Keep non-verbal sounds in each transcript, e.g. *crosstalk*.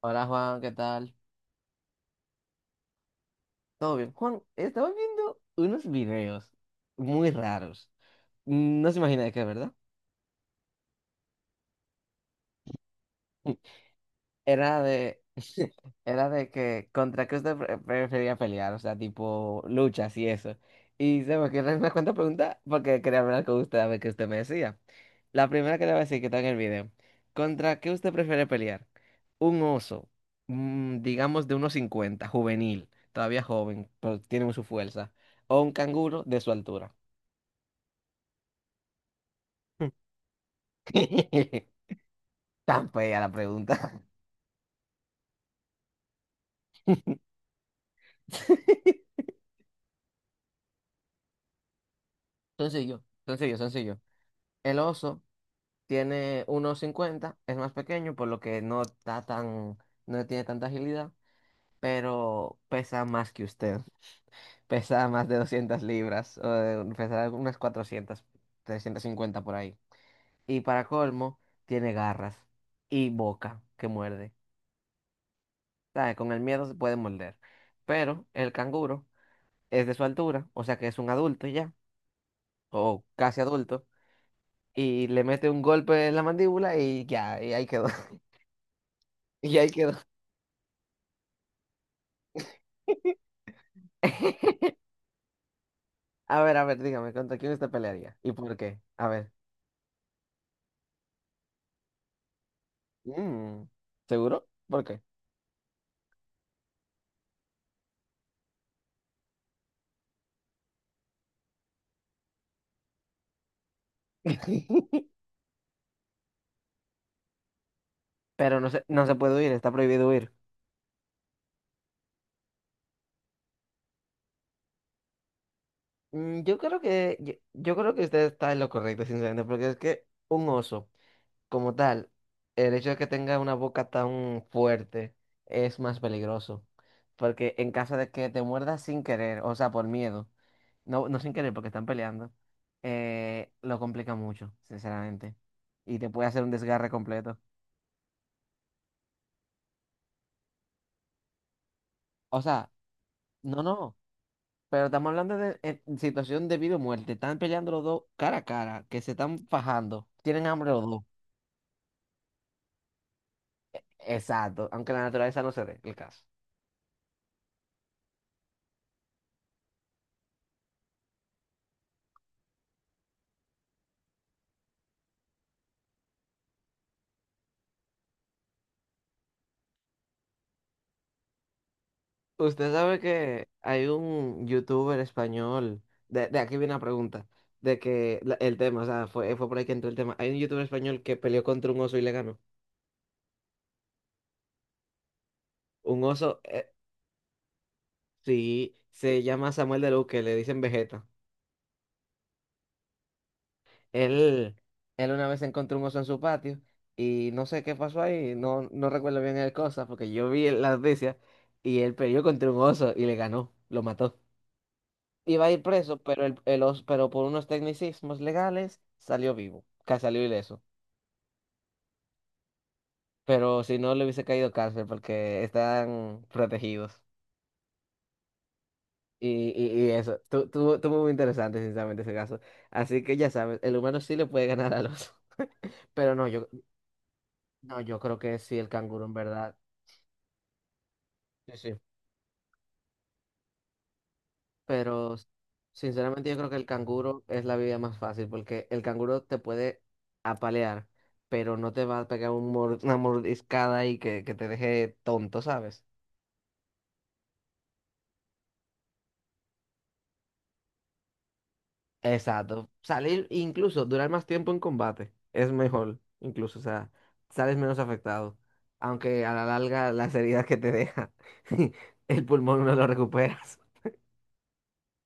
Hola Juan, ¿qué tal? ¿Todo bien? Juan, estaba viendo unos videos muy raros. No se imagina de qué, ¿verdad? *laughs* Era de, *laughs* era de que contra qué usted prefería pelear, o sea, tipo luchas y eso. Y se me ocurrió una cuanta pregunta porque quería hablar con usted a ver qué usted me decía. La primera que le voy a decir que está en el video. ¿Contra qué usted prefiere pelear? Un oso, digamos de unos 50 juvenil, todavía joven, pero tiene su fuerza. O un canguro de su altura. *laughs* Tan fea la pregunta. *laughs* Sencillo, sencillo, sencillo. El oso. Tiene uno cincuenta, es más pequeño, por lo que no está tan, no tiene tanta agilidad, pero pesa más que usted. *laughs* Pesa más de 200 libras, pesa unas 400, cincuenta por ahí. Y para colmo, tiene garras y boca que muerde. ¿Sabe? Con el miedo se puede morder. Pero el canguro es de su altura, o sea que es un adulto ya, o casi adulto, y le mete un golpe en la mandíbula y ya, y ahí quedó. *laughs* Y ahí quedó. *laughs* A ver, dígame, ¿contra quién usted pelearía? ¿Y por qué? A ver. Mm, ¿seguro? ¿Por qué? *laughs* Pero no se puede huir, está prohibido huir. Mm, yo creo que usted está en lo correcto, sinceramente, porque es que un oso, como tal, el hecho de que tenga una boca tan fuerte es más peligroso. Porque en caso de que te muerdas sin querer, o sea, por miedo, no, no sin querer porque están peleando, lo complica mucho, sinceramente. Y te puede hacer un desgarre completo. O sea, no, no, pero estamos hablando de, situación de vida o muerte. Están peleando los dos cara a cara, que se están fajando. Tienen hambre los dos. Exacto, aunque la naturaleza no se dé el caso. Usted sabe que hay un youtuber español, de aquí viene la pregunta, de que el tema, o sea, fue por ahí que entró el tema. Hay un youtuber español que peleó contra un oso y le ganó. Un oso, sí, se llama Samuel de Luz, le dicen Vegeta. Él, él una vez encontró un oso en su patio y no sé qué pasó ahí, no, no recuerdo bien el cosa, porque yo vi la noticia y él peleó contra un oso y le ganó, lo mató. Iba a ir preso, pero, pero por unos tecnicismos legales salió vivo, salió ileso. Pero si no, le hubiese caído cárcel porque están protegidos. Y eso, tuvo muy interesante, sinceramente, ese caso. Así que ya sabes, el humano sí le puede ganar al oso. *laughs* Pero no, yo, no, yo creo que sí, el canguro en verdad. Sí, sí. Pero sinceramente yo creo que el canguro es la vida más fácil porque el canguro te puede apalear, pero no te va a pegar una mordiscada y que te deje tonto, ¿sabes? Exacto. Salir, incluso durar más tiempo en combate es mejor, incluso, o sea, sales menos afectado, aunque a la larga las heridas que te deja, *laughs* el pulmón no lo recuperas. *laughs*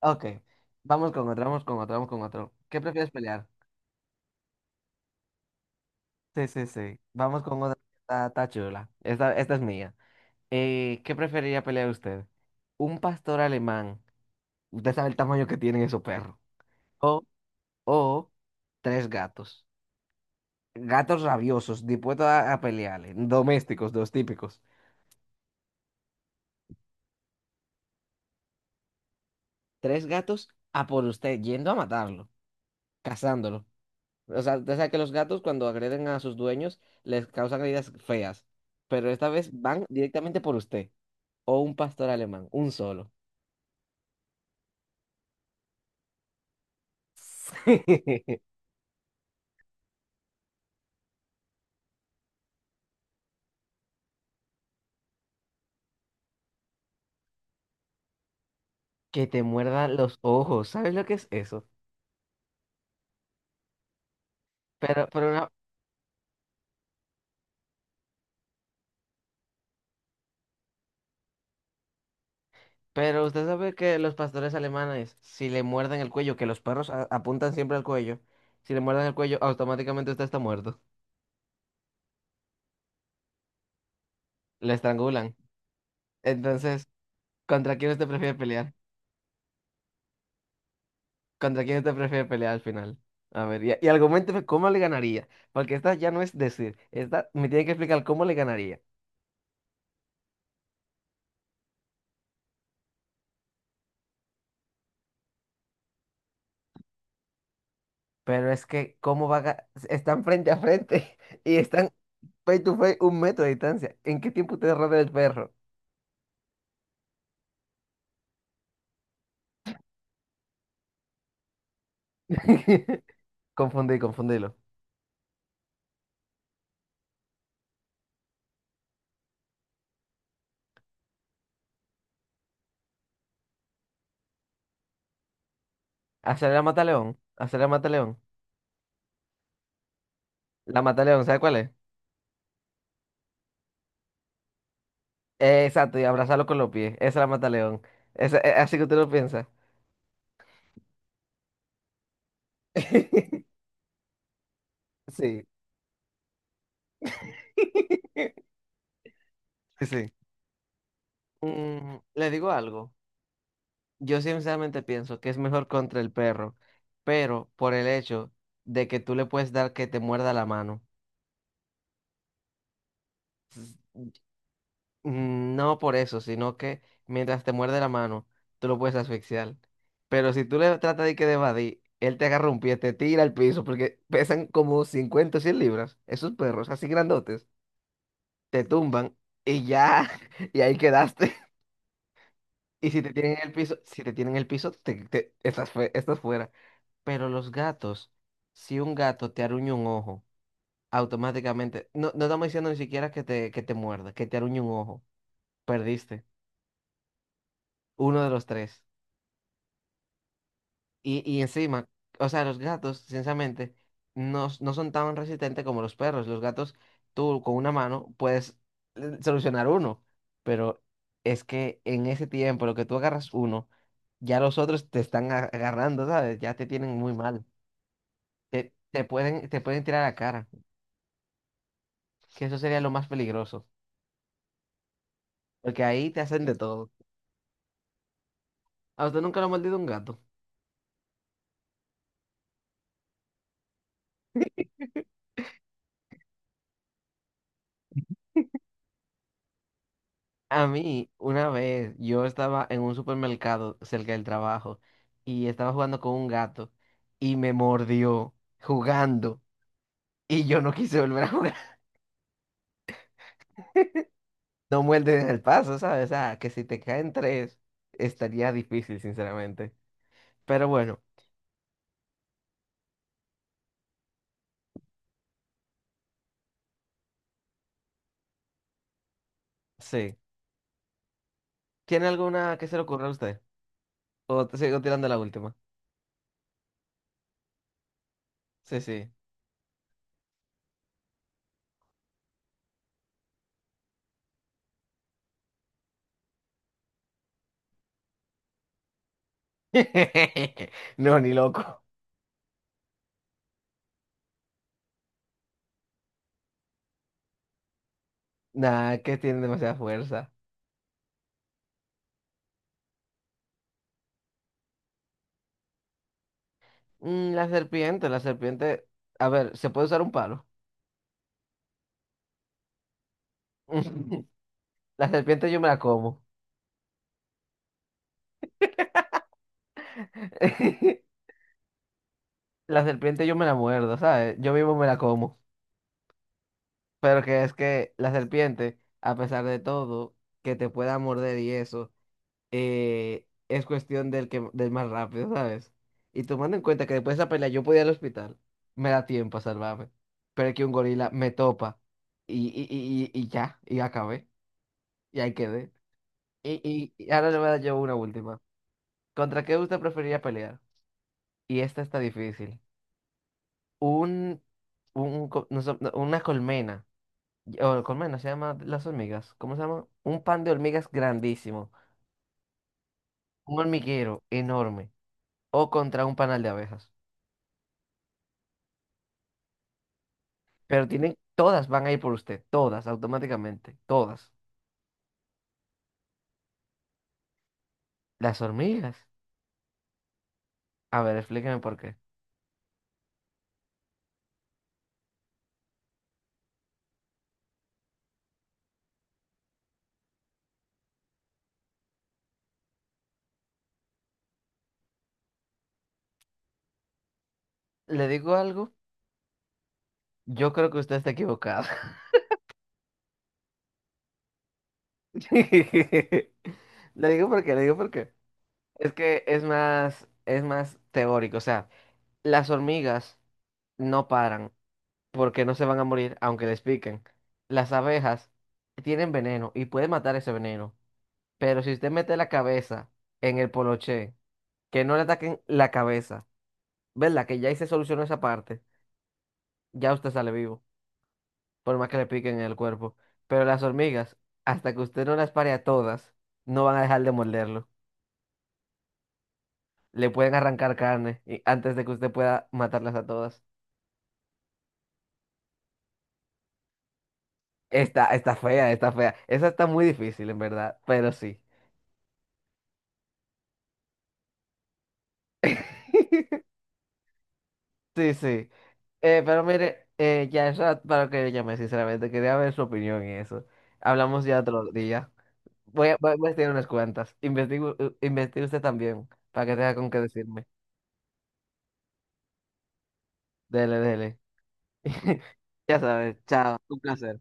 Ok, vamos con otro, vamos con otro, vamos con otro. ¿Qué prefieres pelear? Sí, sí, sí. Vamos con otra que está chula. Esta es mía. ¿Qué preferiría pelear usted? ¿Un pastor alemán? Usted sabe el tamaño que tienen esos perros. O, o tres gatos. Gatos rabiosos, dispuestos a pelearle. Domésticos, los típicos. Tres gatos a por usted, yendo a matarlo, cazándolo. O sea, usted sabe que los gatos cuando agreden a sus dueños les causan heridas feas. Pero esta vez van directamente por usted. O un pastor alemán, un solo. Sí. *laughs* Que te muerdan los ojos, ¿sabes lo que es eso? Pero, pero, una- pero usted sabe que los pastores alemanes, si le muerden el cuello, que los perros apuntan siempre al cuello, si le muerden el cuello, automáticamente usted está muerto. Le estrangulan. Entonces, ¿contra quién usted prefiere pelear? ¿Contra quién usted prefiere pelear al final? A ver, y argumente cómo le ganaría, porque esta ya no es decir, esta me tiene que explicar cómo le ganaría. Pero es que, ¿cómo va a? Están frente a frente *laughs* y están face to face, un metro de distancia. ¿En qué tiempo ustedes rodean el perro? *laughs* Confundílo. Hacer la mata león. Hacer la mata león. La mata león, ¿sabe cuál es? Exacto, y abrazarlo con los pies. Esa es la mata león. Esa, así que usted lo piensa. *laughs* Sí, *laughs* sí, sí. Mm, le digo algo. Yo sinceramente pienso que es mejor contra el perro, pero por el hecho de que tú le puedes dar que te muerda la mano. Pues, no por eso, sino que mientras te muerde la mano, tú lo puedes asfixiar. Pero si tú le tratas de que de evadir, él te agarra un pie, te tira al piso, porque pesan como cincuenta o 100 libras, esos perros así grandotes, te tumban y ya, *laughs* y ahí quedaste. *laughs* Y si te tienen en el piso, si te tienen en el piso, estás fuera. Pero los gatos, si un gato te aruña un ojo, automáticamente, no, no estamos diciendo ni siquiera que te, muerda, que te aruñe un ojo, perdiste. Uno de los tres. Y encima, o sea, los gatos, sinceramente, no son tan resistentes como los perros. Los gatos, tú con una mano puedes solucionar uno, pero es que en ese tiempo, lo que tú agarras uno, ya los otros te están agarrando, ¿sabes? Ya te tienen muy mal. Te pueden tirar a la cara, que eso sería lo más peligroso, porque ahí te hacen de todo. ¿A usted nunca lo ha mordido un gato? A mí, una vez, yo estaba en un supermercado cerca del trabajo y estaba jugando con un gato y me mordió jugando y yo no quise volver a jugar. *laughs* No muerden en el paso, ¿sabes? O sea, que si te caen tres, estaría difícil, sinceramente. Pero bueno, sí. ¿Tiene alguna que se le ocurra a usted? ¿O te sigo tirando la última? Sí, sí. *laughs* No, ni loco. Nah, que tienen demasiada fuerza. Mm, la serpiente, la serpiente. A ver, ¿se puede usar un palo? *laughs* La serpiente yo me la como. *laughs* La serpiente yo me la muerdo, ¿sabes? Yo mismo me la como. Pero que es que la serpiente, a pesar de todo, que te pueda morder y eso, es cuestión del más rápido, ¿sabes? Y tomando en cuenta que después de esa pelea yo podía ir al hospital, me da tiempo a salvarme. Pero es que un gorila me topa y ya, y acabé, y ahí quedé. Y ahora le voy a dar yo una última. ¿Contra qué usted preferiría pelear? Y esta está difícil. un, no sé, no, una colmena. O colmena se llama las hormigas. ¿Cómo se llama? Un pan de hormigas grandísimo. Un hormiguero enorme. O contra un panal de abejas. Pero tienen, todas van a ir por usted. Todas, automáticamente. Todas. Las hormigas. A ver, explíqueme por qué. ¿Le digo algo? Yo creo que usted está equivocado. *laughs* Le digo por qué, le digo por qué. Es que es más teórico. O sea, las hormigas no paran, porque no se van a morir aunque les piquen. Las abejas tienen veneno y pueden matar ese veneno, pero si usted mete la cabeza en el poloché, que no le ataquen la cabeza, ¿verdad? Que ya ahí se solucionó esa parte, ya usted sale vivo, por más que le piquen en el cuerpo. Pero las hormigas, hasta que usted no las pare a todas, no van a dejar de morderlo. Le pueden arrancar carne antes de que usted pueda matarlas a todas. Está fea, está fea. Esa está muy difícil, en verdad, pero sí. *laughs* Sí, sí. Pero mire, ya es para que le llame, sinceramente. Quería ver su opinión en eso. Hablamos ya otro día. Voy a investigar unas cuantas. Investigo, investigue usted también, para que tenga con qué decirme. Dele, dele. *laughs* Ya sabes, chao. Un placer.